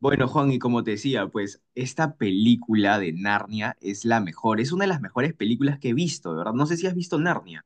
Bueno, Juan, y como te decía, pues esta película de Narnia es la mejor, es una de las mejores películas que he visto, de verdad. No sé si has visto Narnia.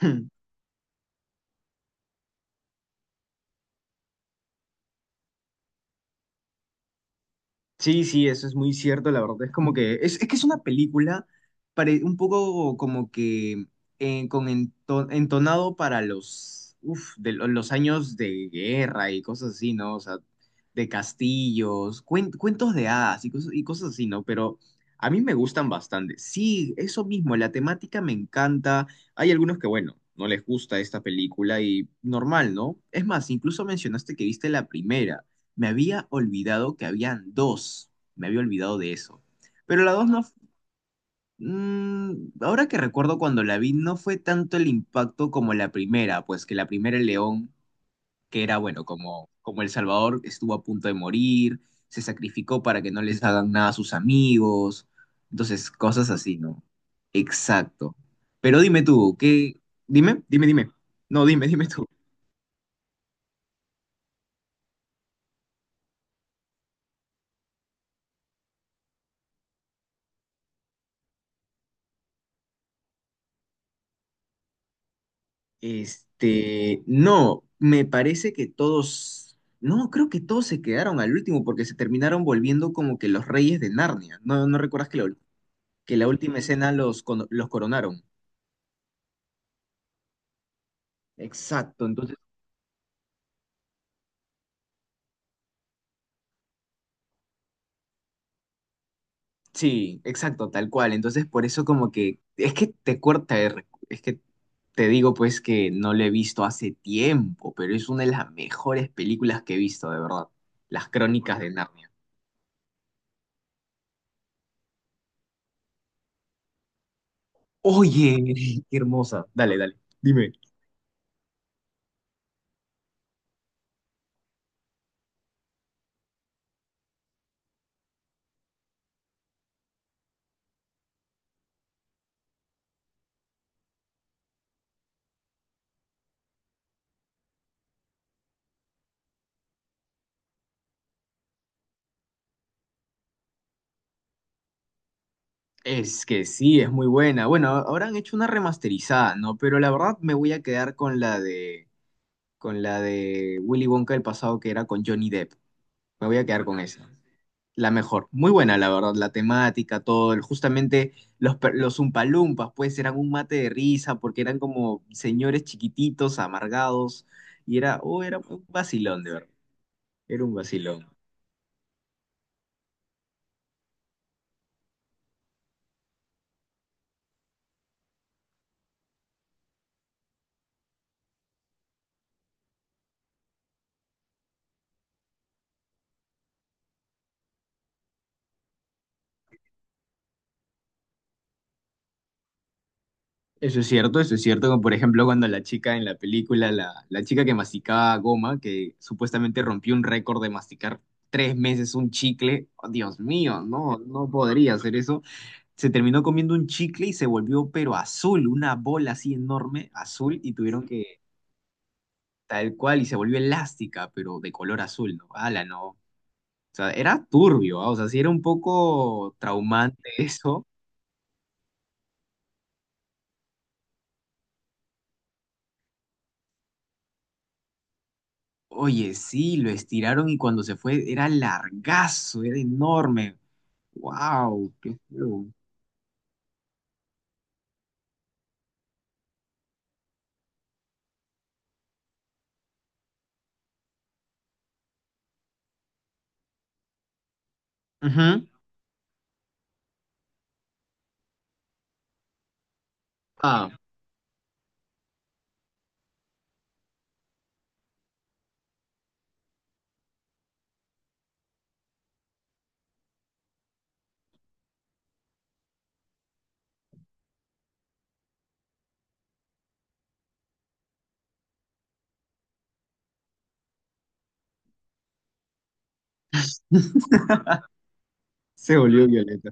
Sí, sí, eso es muy cierto, la verdad. Es como que es que es una película un poco como que con entonado para los, uf, de los años de guerra y cosas así, ¿no? O sea, de castillos, cuentos de hadas y cosas así, ¿no? Pero a mí me gustan bastante. Sí, eso mismo, la temática me encanta. Hay algunos que, bueno, no les gusta esta película y normal, ¿no? Es más, incluso mencionaste que viste la primera. Me había olvidado que habían dos. Me había olvidado de eso. Pero la dos no. Ahora que recuerdo cuando la vi, no fue tanto el impacto como la primera, pues que la primera el león, que era, bueno, como El Salvador estuvo a punto de morir, se sacrificó para que no les hagan nada a sus amigos. Entonces, cosas así, ¿no? Exacto. Pero dime tú, ¿qué? Dime, dime, dime. No, dime, dime tú. Este, no, me parece que todos, no, creo que todos se quedaron al último porque se terminaron volviendo como que los reyes de Narnia. ¿No, no recuerdas que que la última escena los coronaron? Exacto, entonces, sí, exacto, tal cual. Entonces, por eso como que, es que te corta, es que te digo pues que no lo he visto hace tiempo, pero es una de las mejores películas que he visto, de verdad. Las Crónicas de Narnia. Oye, qué hermosa. Dale, dale, dime. Es que sí, es muy buena. Bueno, ahora han hecho una remasterizada, ¿no? Pero la verdad me voy a quedar con la de Willy Wonka del pasado que era con Johnny Depp. Me voy a quedar con esa. La mejor. Muy buena, la verdad. La temática, todo. Justamente los, los Umpalumpas, pues, eran un mate de risa porque eran como señores chiquititos, amargados. Y era un vacilón, de verdad. Era un vacilón. Eso es cierto, como por ejemplo cuando la chica en la película, la chica que masticaba goma, que supuestamente rompió un récord de masticar 3 meses un chicle, oh, Dios mío, no, no podría hacer eso, se terminó comiendo un chicle y se volvió pero azul, una bola así enorme, azul, y tuvieron que tal cual, y se volvió elástica, pero de color azul, ¿no? Ala, no, o sea, era turbio. O sea, sí era un poco traumante eso, Oye, sí, lo estiraron y cuando se fue era largazo, era enorme. ¡Wow! ¡Qué feo! Ujú. Ah, se volvió violeta.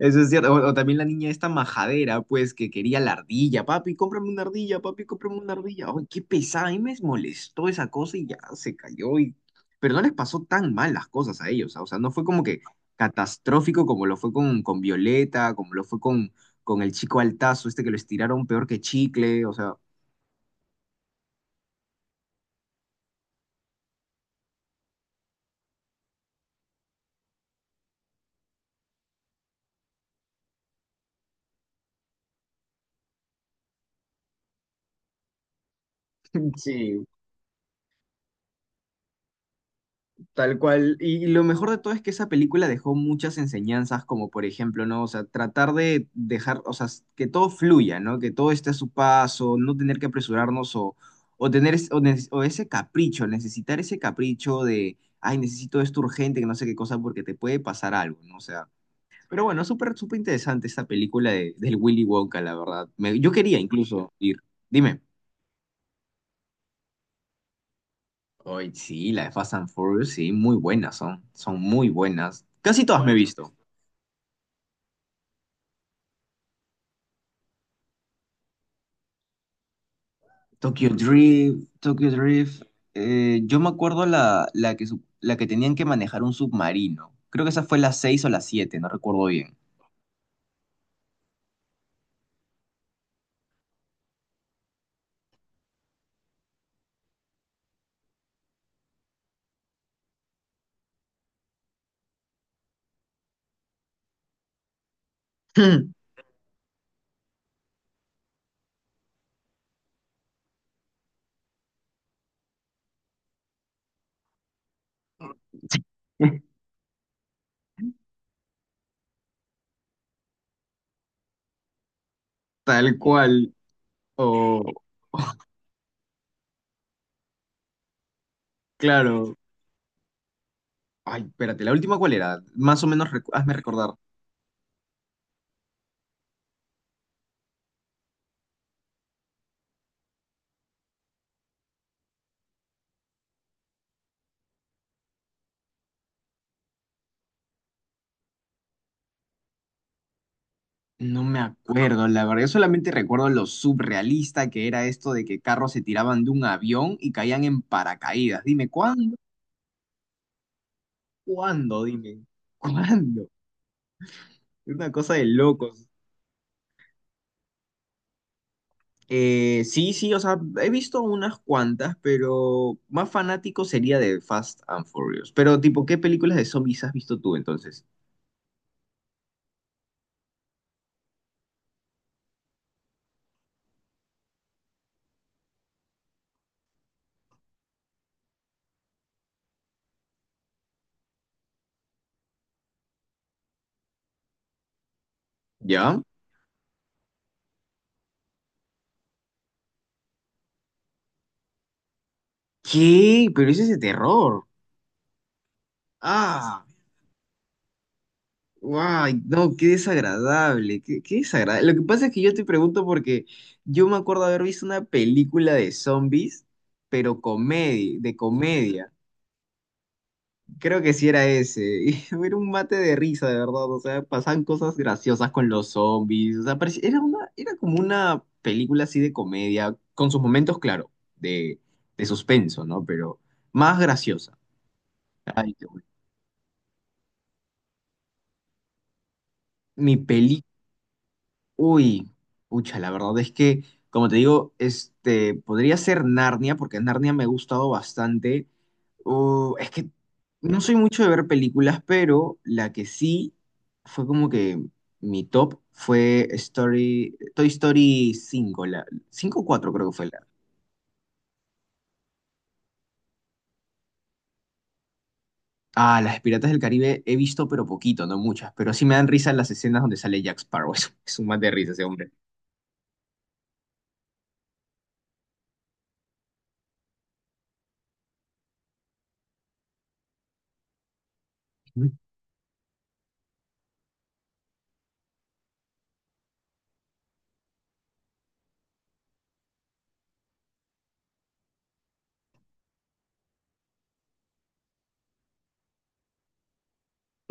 Eso es cierto. O también la niña esta majadera, pues, que quería la ardilla. Papi, cómprame una ardilla, papi, cómprame una ardilla. ¡Ay, qué pesada! A mí me molestó esa cosa y ya se cayó. Y. Pero no les pasó tan mal las cosas a ellos. ¿Ah? O sea, no fue como que catastrófico como lo fue con Violeta, como lo fue con el chico Altazo, este que lo estiraron peor que chicle. O sea. Sí, tal cual. Y lo mejor de todo es que esa película dejó muchas enseñanzas, como por ejemplo, ¿no? O sea, tratar de dejar, o sea, que todo fluya, ¿no? Que todo esté a su paso, no tener que apresurarnos o tener es- o, nece- o ese capricho, necesitar ese capricho de, ay, necesito esto urgente, que no sé qué cosa, porque te puede pasar algo, ¿no? O sea, pero bueno, súper, súper interesante esta película de, del Willy Wonka, la verdad. Yo quería incluso ir. Dime. Hoy sí, la de Fast and Furious, sí, muy buenas son, son muy buenas. Casi todas me he bueno, visto. Tokyo Drift, Tokyo Drift. Yo me acuerdo la que, la que tenían que manejar un submarino. Creo que esa fue la 6 o la siete, no recuerdo bien. Tal cual. O, claro. Ay, espérate, ¿la última cuál era? Más o menos, hazme recordar. No me acuerdo, la verdad. Yo solamente recuerdo lo surrealista que era esto de que carros se tiraban de un avión y caían en paracaídas. Dime, ¿cuándo? ¿Cuándo? Dime, ¿cuándo? Es una cosa de locos. Sí, sí, o sea, he visto unas cuantas, pero más fanático sería de Fast and Furious. Pero, tipo, ¿qué películas de zombies has visto tú entonces? ¿Ya? ¿Qué? Pero ese es de terror. Ah. Guay, no, qué desagradable, qué desagradable. Lo que pasa es que yo te pregunto porque yo me acuerdo haber visto una película de zombies, pero comedia, de comedia. Creo que sí era ese. Y era un mate de risa, de verdad. O sea, pasaban cosas graciosas con los zombies. O sea, era como una película así de comedia, con sus momentos, claro, de, de suspenso, ¿no? Pero más graciosa. Ay, qué bueno. Mi película. Uy, pucha, la verdad es que, como te digo, este, podría ser Narnia, porque Narnia me ha gustado bastante. Es que no soy mucho de ver películas, pero la que sí fue como que mi top fue Toy Story 5, la 5 o 4 creo que fue la. Ah, las de Piratas del Caribe he visto, pero poquito, no muchas, pero sí me dan risa las escenas donde sale Jack Sparrow. Es un mate de risa ese hombre.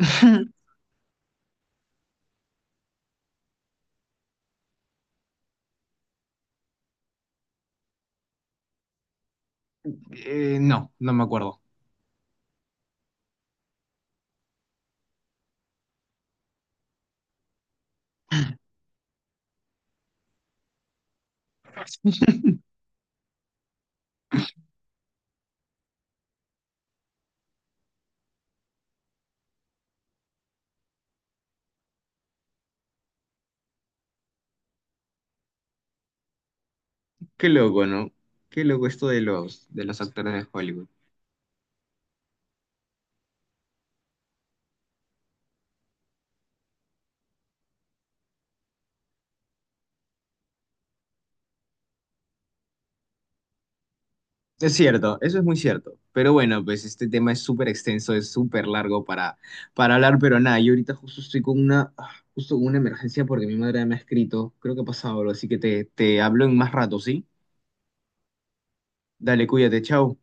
No, no me acuerdo. Qué loco, ¿no? Qué loco esto de los actores de Hollywood. Es cierto, eso es muy cierto. Pero bueno, pues este tema es súper extenso, es súper largo para hablar, pero nada, yo ahorita justo estoy con una, ah, justo con una emergencia porque mi madre me ha escrito, creo que ha pasado algo, así que te hablo en más rato, ¿sí? Dale, cuídate, chao.